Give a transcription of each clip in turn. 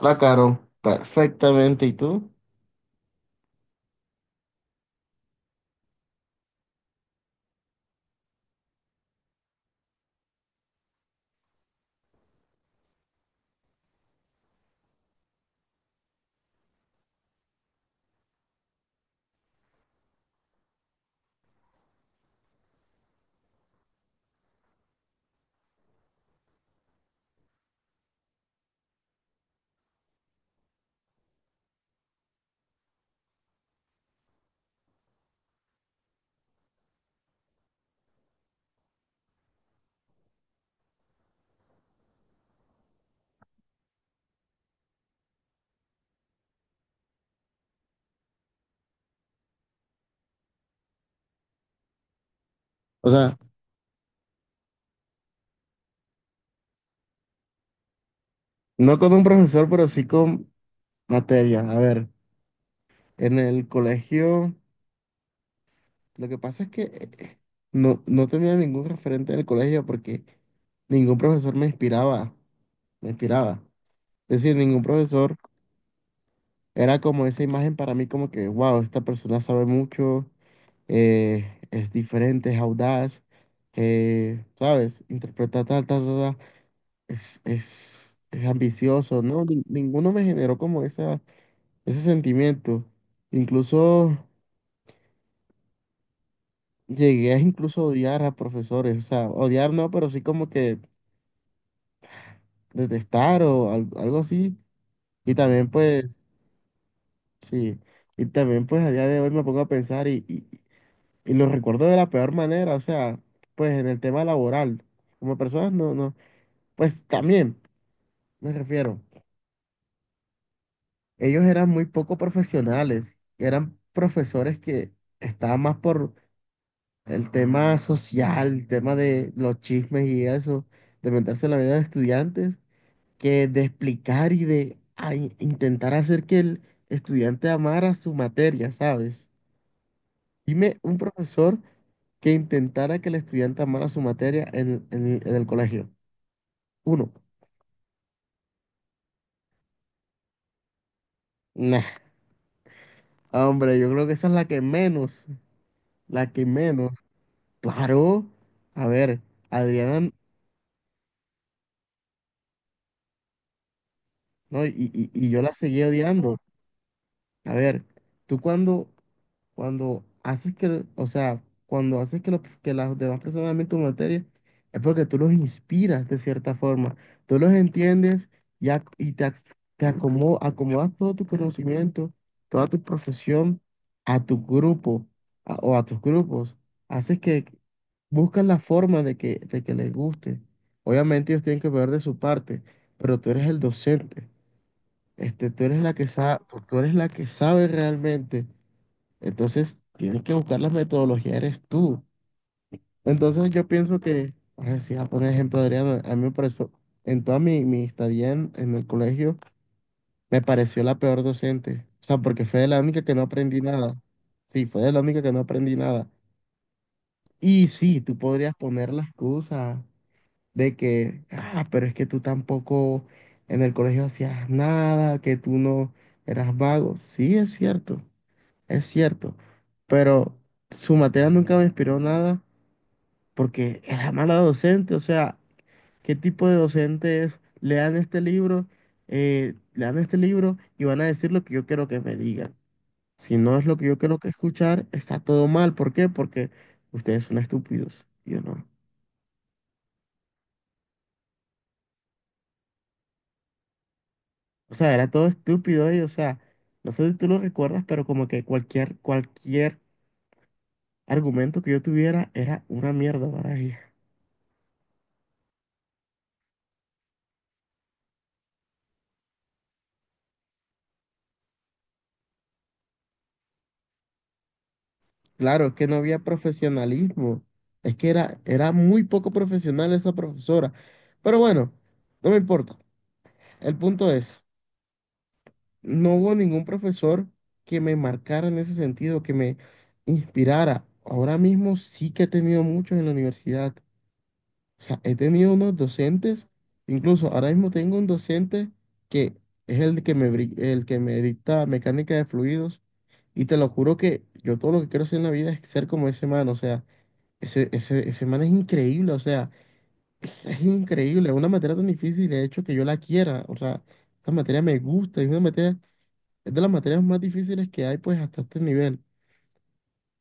La Caro, perfectamente. ¿Y tú? O sea, no con un profesor, pero sí con materia. A ver, en el colegio, lo que pasa es que eh, no tenía ningún referente en el colegio porque ningún profesor me inspiraba, me inspiraba. Es decir, ningún profesor era como esa imagen para mí como que, wow, esta persona sabe mucho, es diferente, es audaz, ¿sabes? Interpreta tal, tal, tal, tal. Es ambicioso, ¿no? Ninguno me generó como esa, ese sentimiento. Incluso llegué a incluso odiar a profesores, o sea, odiar no, pero sí como que detestar o algo así. Y también pues, sí, y también pues a día de hoy me pongo a pensar y lo recuerdo de la peor manera, o sea, pues en el tema laboral, como personas no, no, pues también me refiero. Ellos eran muy poco profesionales, eran profesores que estaban más por el tema social, el tema de los chismes y eso, de meterse en la vida de estudiantes, que de explicar y de intentar hacer que el estudiante amara su materia, ¿sabes? Dime un profesor que intentara que el estudiante amara su materia en el colegio. Uno. Nah, hombre, yo creo que esa es la que menos, la que menos. Claro, a ver, Adriana, no, y yo la seguí odiando. A ver, tú cuando Cuando haces que, o sea, cuando haces que, que las demás personas amen tu materia, es porque tú los inspiras de cierta forma. Tú los entiendes y te, te acomodas todo tu conocimiento, toda tu profesión a tu grupo o a tus grupos. Haces que buscas la forma de que les guste. Obviamente ellos tienen que ver de su parte, pero tú eres el docente. Este, tú eres la que sabe, tú eres la que sabe realmente, entonces, tienes que buscar las metodologías eres tú. Entonces, yo pienso que, ahora sí, a poner ejemplo, Adriano, a mí me pareció, en toda mi estadía en el colegio, me pareció la peor docente. O sea, porque fue de la única que no aprendí nada. Sí, fue de la única que no aprendí nada. Y sí, tú podrías poner la excusa de que, ah, pero es que tú tampoco en el colegio hacías nada, que tú no eras vago. Sí, es cierto. Es cierto, pero su materia nunca me inspiró nada porque era mala docente, o sea, ¿qué tipo de docente es? Le dan este libro, le dan este libro y van a decir lo que yo quiero que me digan. Si no es lo que yo quiero que escuchar, está todo mal. ¿Por qué? Porque ustedes son estúpidos, y yo no. O sea, era todo estúpido y, o sea, no sé si tú lo recuerdas, pero como que cualquier argumento que yo tuviera era una mierda para ellos. Claro, es que no había profesionalismo. Es que era muy poco profesional esa profesora. Pero bueno, no me importa. El punto es, no hubo ningún profesor que me marcara en ese sentido, que me inspirara. Ahora mismo sí que he tenido muchos en la universidad. O sea, he tenido unos docentes, incluso ahora mismo tengo un docente que es el que me, el que me dicta mecánica de fluidos. Y te lo juro que yo todo lo que quiero hacer en la vida es ser como ese man. O sea, ese man es increíble, o sea, es increíble, una materia tan difícil, de hecho, que yo la quiera, o sea, esta materia me gusta, es una materia, es de las materias más difíciles que hay, pues, hasta este nivel,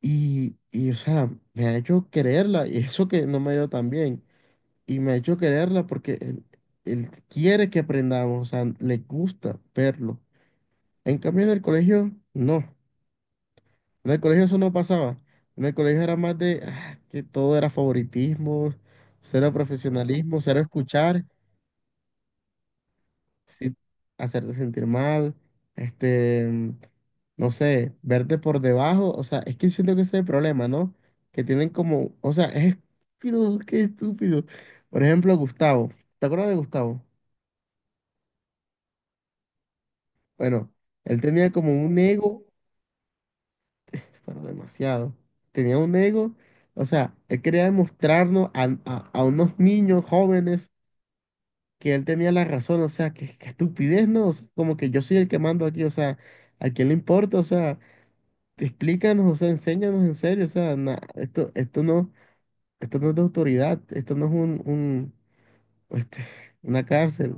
o sea, me ha hecho quererla, y eso que no me ha ido tan bien, y me ha hecho quererla porque él quiere que aprendamos, o sea, le gusta verlo, en cambio en el colegio, no. En el colegio eso no pasaba. En el colegio era más de ah, que todo era favoritismo, cero profesionalismo, cero escuchar, sí, hacerte sentir mal, este, no sé, verte por debajo. O sea, es que siento que ese es el problema, ¿no? Que tienen como, o sea, es estúpido, qué estúpido. Por ejemplo, Gustavo. ¿Te acuerdas de Gustavo? Bueno, él tenía como un ego, pero demasiado. Tenía un ego, o sea, él quería demostrarnos a, a unos niños jóvenes que él tenía la razón, o sea, que estupidez, ¿no? O sea, como que yo soy el que mando aquí, o sea, ¿a quién le importa? O sea, explícanos, o sea, enséñanos en serio, o sea, esto no es de autoridad, esto no es este, una cárcel,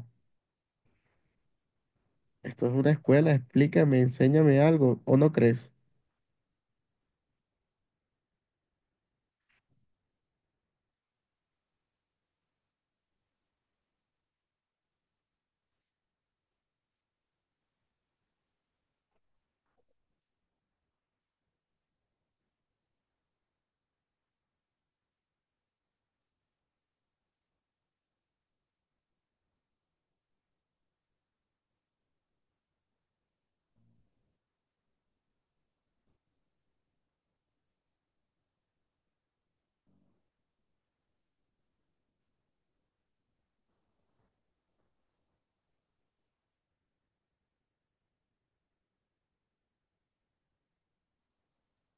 esto es una escuela, explícame, enséñame algo, ¿o no crees?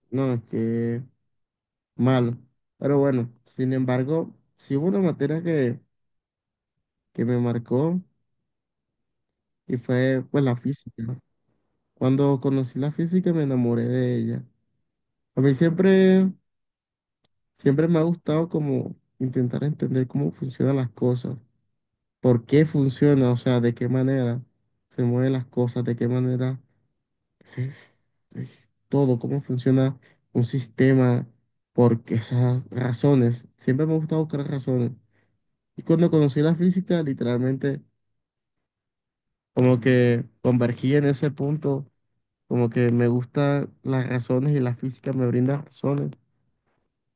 No, es que malo. Pero bueno, sin embargo, sí hubo una materia que me marcó y fue pues la física. Cuando conocí la física me enamoré de ella. A mí siempre, siempre me ha gustado como intentar entender cómo funcionan las cosas, por qué funciona, o sea, de qué manera se mueven las cosas, de qué manera es- es todo, cómo funciona un sistema, por qué esas razones. Siempre me ha gustado buscar razones. Y cuando conocí la física, literalmente, como que convergí en ese punto, como que me gustan las razones y la física me brinda razones.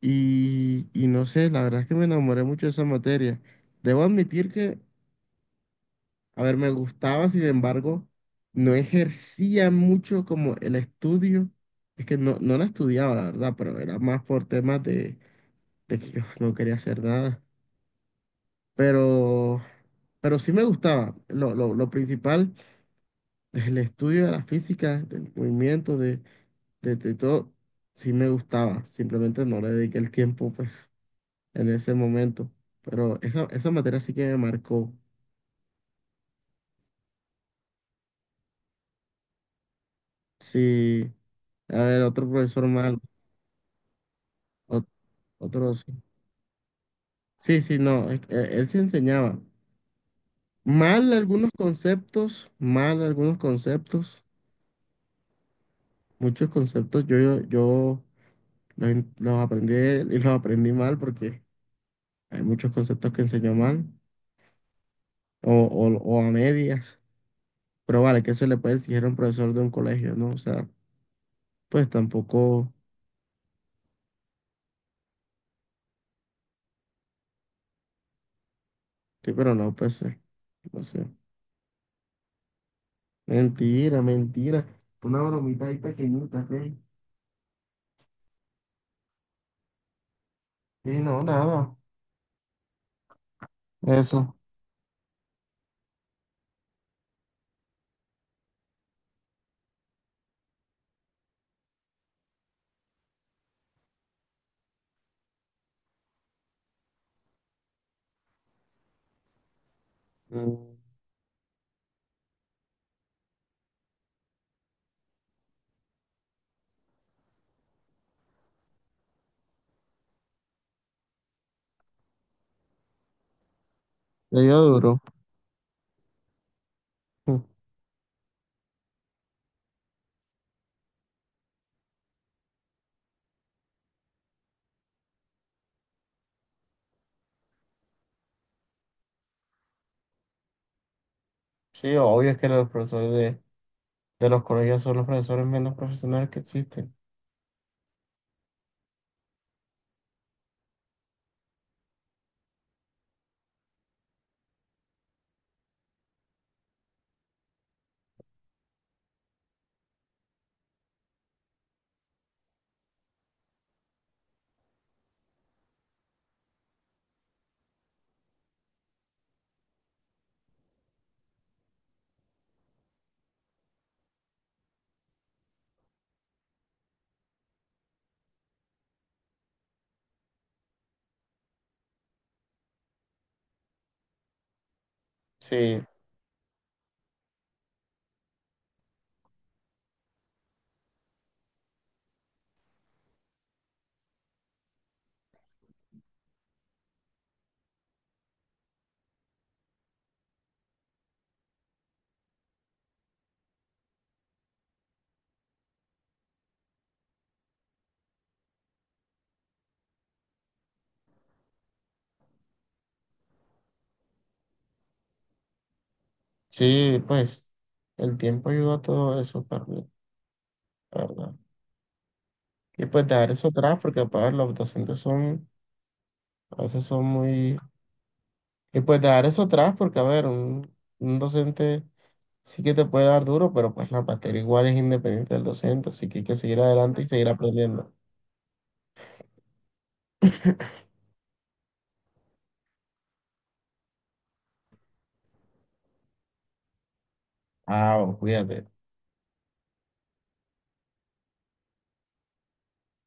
No sé, la verdad es que me enamoré mucho de esa materia. Debo admitir que, a ver, me gustaba, sin embargo, no ejercía mucho como el estudio. Es que no la estudiaba, la verdad, pero era más por temas de que yo no quería hacer nada. Pero, pero sí me gustaba. Lo principal, el estudio de la física, del movimiento, de todo, sí me gustaba. Simplemente no le dediqué el tiempo, pues, en ese momento. Pero esa materia sí que me marcó. Sí, a ver, otro profesor mal, ot- otro... Sí, sí, sí, no, es que él sí enseñaba. Mal algunos conceptos, muchos conceptos yo los, los aprendí y los aprendí mal porque hay muchos conceptos que enseñó mal o, o a medias, pero vale, que se le puede exigir a un profesor de un colegio, ¿no? O sea, pues tampoco, sí, pero no, pues, no sé. Mentira, mentira. Una bromita ahí pequeñita, ¿qué? Sí, no, nada. Eso. Mm. Le dio duro. Mm. Sí, obvio es que los profesores de los colegios son los profesores menos profesionales que existen. Sí, sí, pues el tiempo ayuda a todo eso también, ¿la verdad? Y pues dejar eso atrás porque, pues, los docentes son, a veces son muy... Y pues dejar eso atrás, porque a ver, un docente sí que te puede dar duro, pero pues la materia igual es independiente del docente, así que hay que seguir adelante y seguir aprendiendo. Ah, cuídate.